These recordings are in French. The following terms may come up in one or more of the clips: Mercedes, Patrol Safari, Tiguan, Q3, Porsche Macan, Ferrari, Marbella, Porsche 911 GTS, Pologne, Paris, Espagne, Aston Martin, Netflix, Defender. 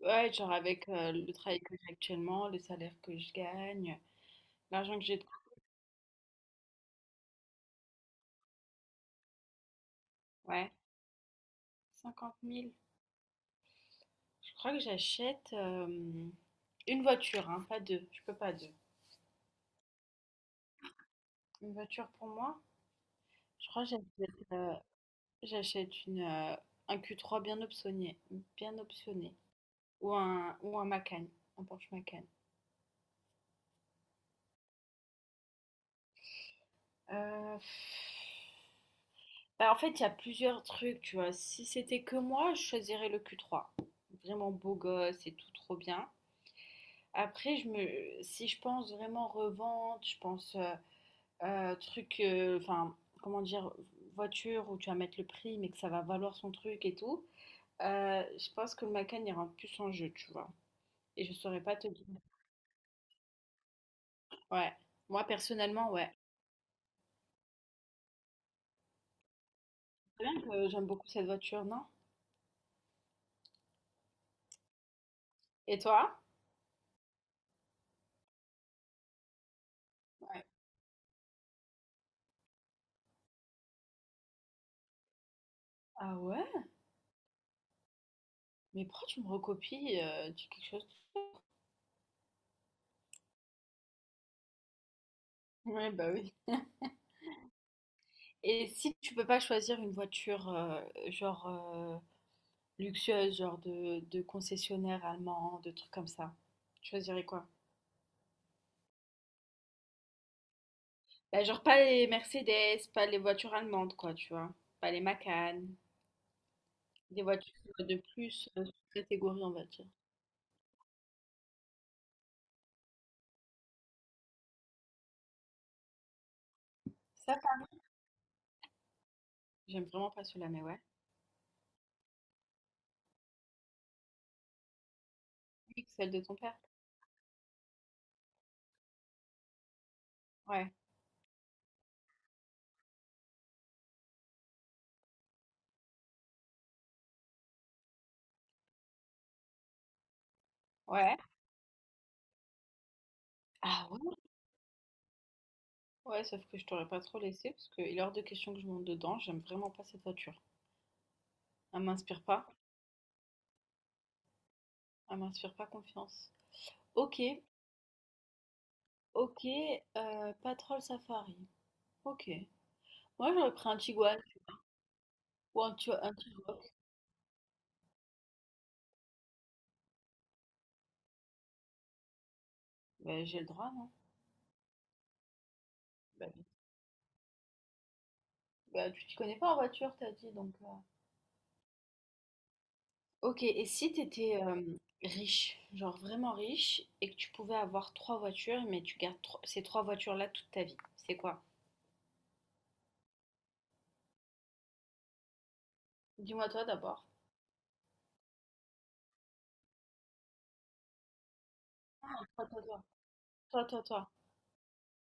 Ouais, genre avec le travail que j'ai actuellement, le salaire que je gagne, l'argent que j'ai de... Ouais, 50 000. Je crois que j'achète une voiture, hein, pas deux. Je peux pas deux. Une voiture pour moi? Je crois que j'achète une un Q3 bien optionné, bien optionné. Ou un Macan, un Porsche Macan. Euh, Bah, en fait, il y a plusieurs trucs, tu vois. Si c'était que moi, je choisirais le Q3. Vraiment beau gosse et tout, trop bien. Après, si je pense vraiment revente, je pense enfin, comment dire, voiture où tu vas mettre le prix, mais que ça va valoir son truc et tout, je pense que le Macan ira plus en jeu, tu vois. Et je saurais pas te dire. Ouais. Moi, personnellement, ouais. C'est bien que j'aime beaucoup cette voiture, non? Et toi? Ouais. Ah ouais? Mais pourquoi tu me recopies quelque chose? Ouais, bah oui. Et si tu peux pas choisir une voiture, genre euh, luxueuses, genre de concessionnaires allemands, de trucs comme ça. Tu choisirais quoi? Bah, genre pas les Mercedes, pas les voitures allemandes, quoi, tu vois. Pas les Macan, des voitures de plus catégorie, on va dire. Ça, par- j'aime vraiment pas celui-là, mais ouais. Oui, celle de ton père. Ouais. Ouais. Ah ouais? Ouais, sauf que je t'aurais pas trop laissé parce qu'il est hors de question que je monte dedans. J'aime vraiment pas cette voiture. Elle m'inspire pas. Elle m'inspire pas confiance. Ok. Ok. Patrol Safari. Ok. Moi, j'aurais pris un Tiguan. Ou un tu un petit rock. Ben, j'ai le droit, non? Ben oui. Bah, tu t'y connais pas en voiture, t'as dit, donc Ok, et si t'étais riche, genre vraiment riche, et que tu pouvais avoir trois voitures, mais tu gardes ces trois voitures-là toute ta vie, c'est quoi? Dis-moi toi d'abord. Toi, toi, toi. Toi, toi, toi.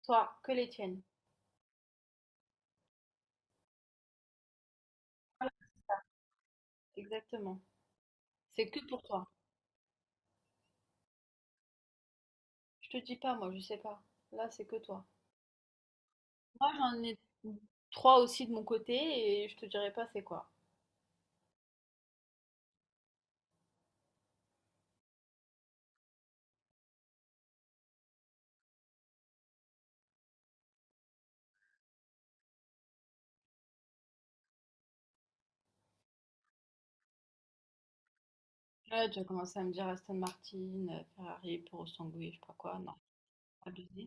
Toi, que les tiennes. Voilà, exactement. C'est que pour toi. Je te dis pas, moi, je sais pas. Là, c'est que toi. Moi, j'en ai trois aussi de mon côté, et je te dirai pas c'est quoi. Ouais, tu as commencé à me dire Aston Martin, Ferrari, Puro Sanguis, je sais pas quoi. Non, abusé.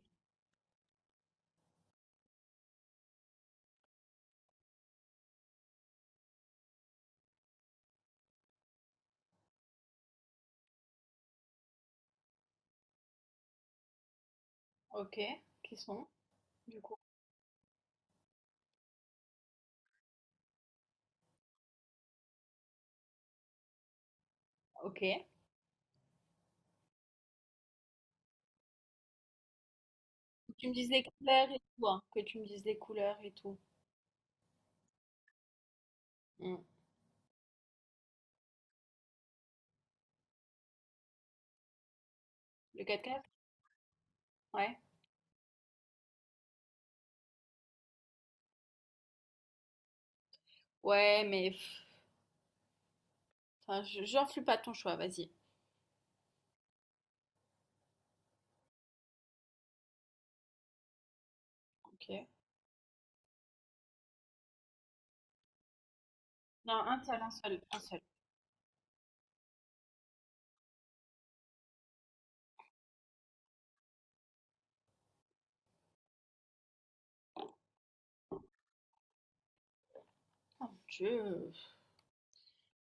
Ok, qui sont, du coup? Ok. Tu me dises les couleurs et tout, hein. Que tu me dises les couleurs et tout. Hmm. Le 4-4. Ouais. Ouais, mais... pff, enfin, j'influe pas ton choix, vas-y. Ok. Non, un seul, un seul, un seul. Oh mon Dieu.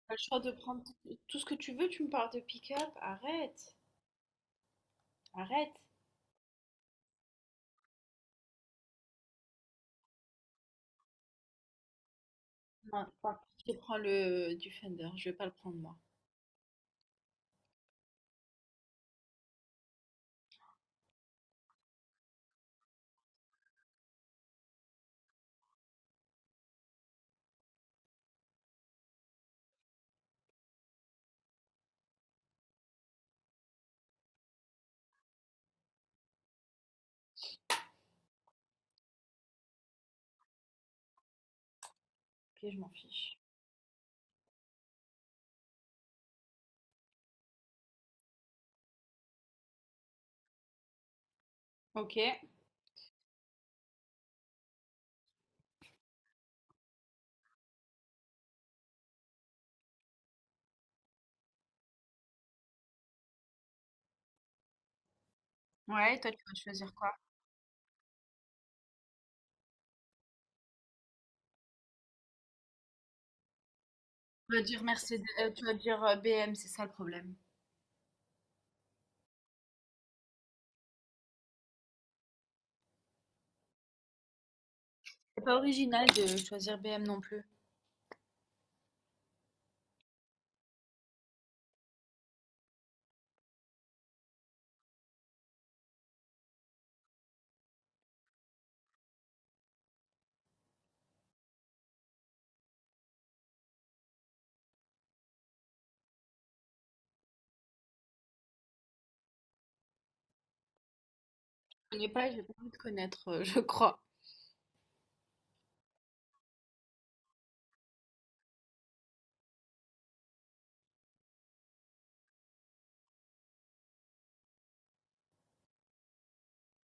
T'as le choix de prendre tout ce que tu veux, tu me parles de pick-up? Arrête, arrête. Non, je prends le du Fender, je vais pas le prendre moi. Ok, je m'en fiche. Ok. Ouais, toi, tu vas choisir quoi? Tu vas dire Mercedes, tu vas dire BM, c'est ça le problème. C'est pas original de choisir BM non plus. Je connais pas, j'ai pas envie de connaître, je crois.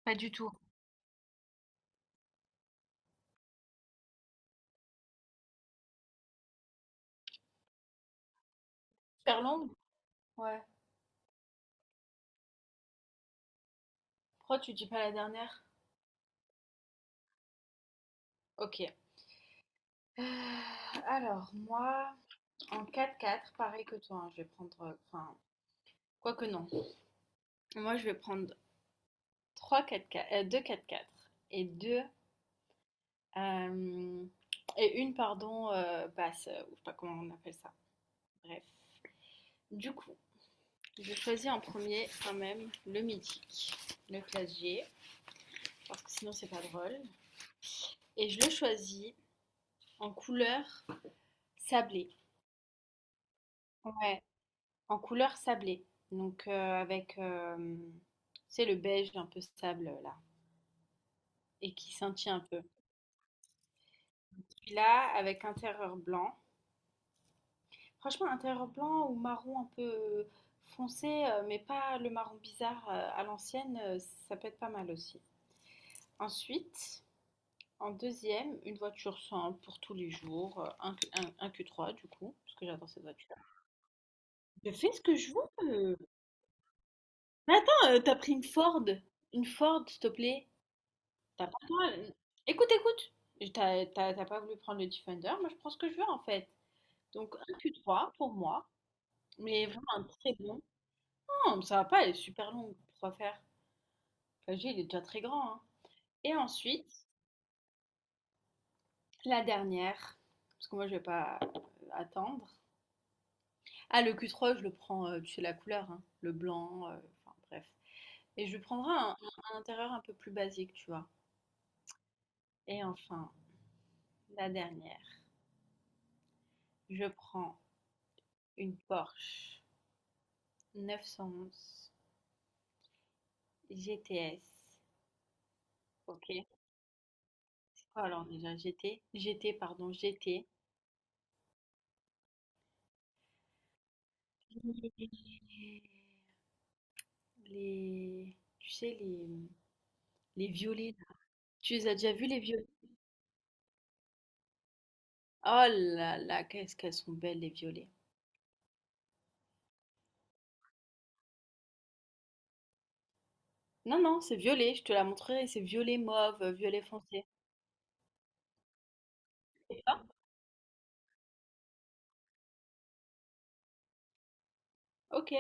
Pas du tout. Super longue? Ouais. Pourquoi tu dis pas la dernière? Ok. Euh, alors, moi, en 4-4, pareil que toi, hein, je vais prendre. Enfin, quoi que non. Moi, je vais prendre 3 4-4, 2 4-4 et 2 euh, et une, pardon, basse, ou je sais pas comment on appelle ça. Bref. Du coup, je choisis en premier quand même le mythique, le classier, parce que sinon c'est pas drôle. Et je le choisis en couleur sablée. Ouais, en couleur sablée. Donc avec, c'est le beige un peu sable là, et qui scintille un peu. Celui-là avec intérieur blanc. Franchement, intérieur blanc ou marron un peu foncé, mais pas le marron bizarre à l'ancienne, ça peut être pas mal aussi. Ensuite, en deuxième, une voiture simple pour tous les jours, un Q3 du coup, parce que j'adore cette voiture. Je fais ce que je veux. Mais attends, t'as pris une Ford. Une Ford, s'il te plaît. T'as pas le droit. Écoute, écoute. Et t'as pas voulu prendre le Defender, moi je prends ce que je veux en fait. Donc un Q3 pour moi, mais vraiment un très bon. Non, ça va pas, elle est super longue. Pourquoi faire? Enfin, je dis, il est déjà très grand, hein. Et ensuite, la dernière, parce que moi je vais pas attendre. Ah, le Q3, je le prends, tu sais la couleur, hein, le blanc, enfin bref. Et je prendrai un intérieur un peu plus basique, tu vois? Et enfin, la dernière, je prends une Porsche 911 GTS. OK, c'est quoi alors déjà? G T, pardon, GT. Les les, tu sais, les violets là. Tu les as déjà vus les violets? Oh là là, qu'est-ce qu'elles sont belles les violets. Non, non, c'est violet, je te la montrerai, c'est violet mauve, violet foncé. C'est ça? Ok.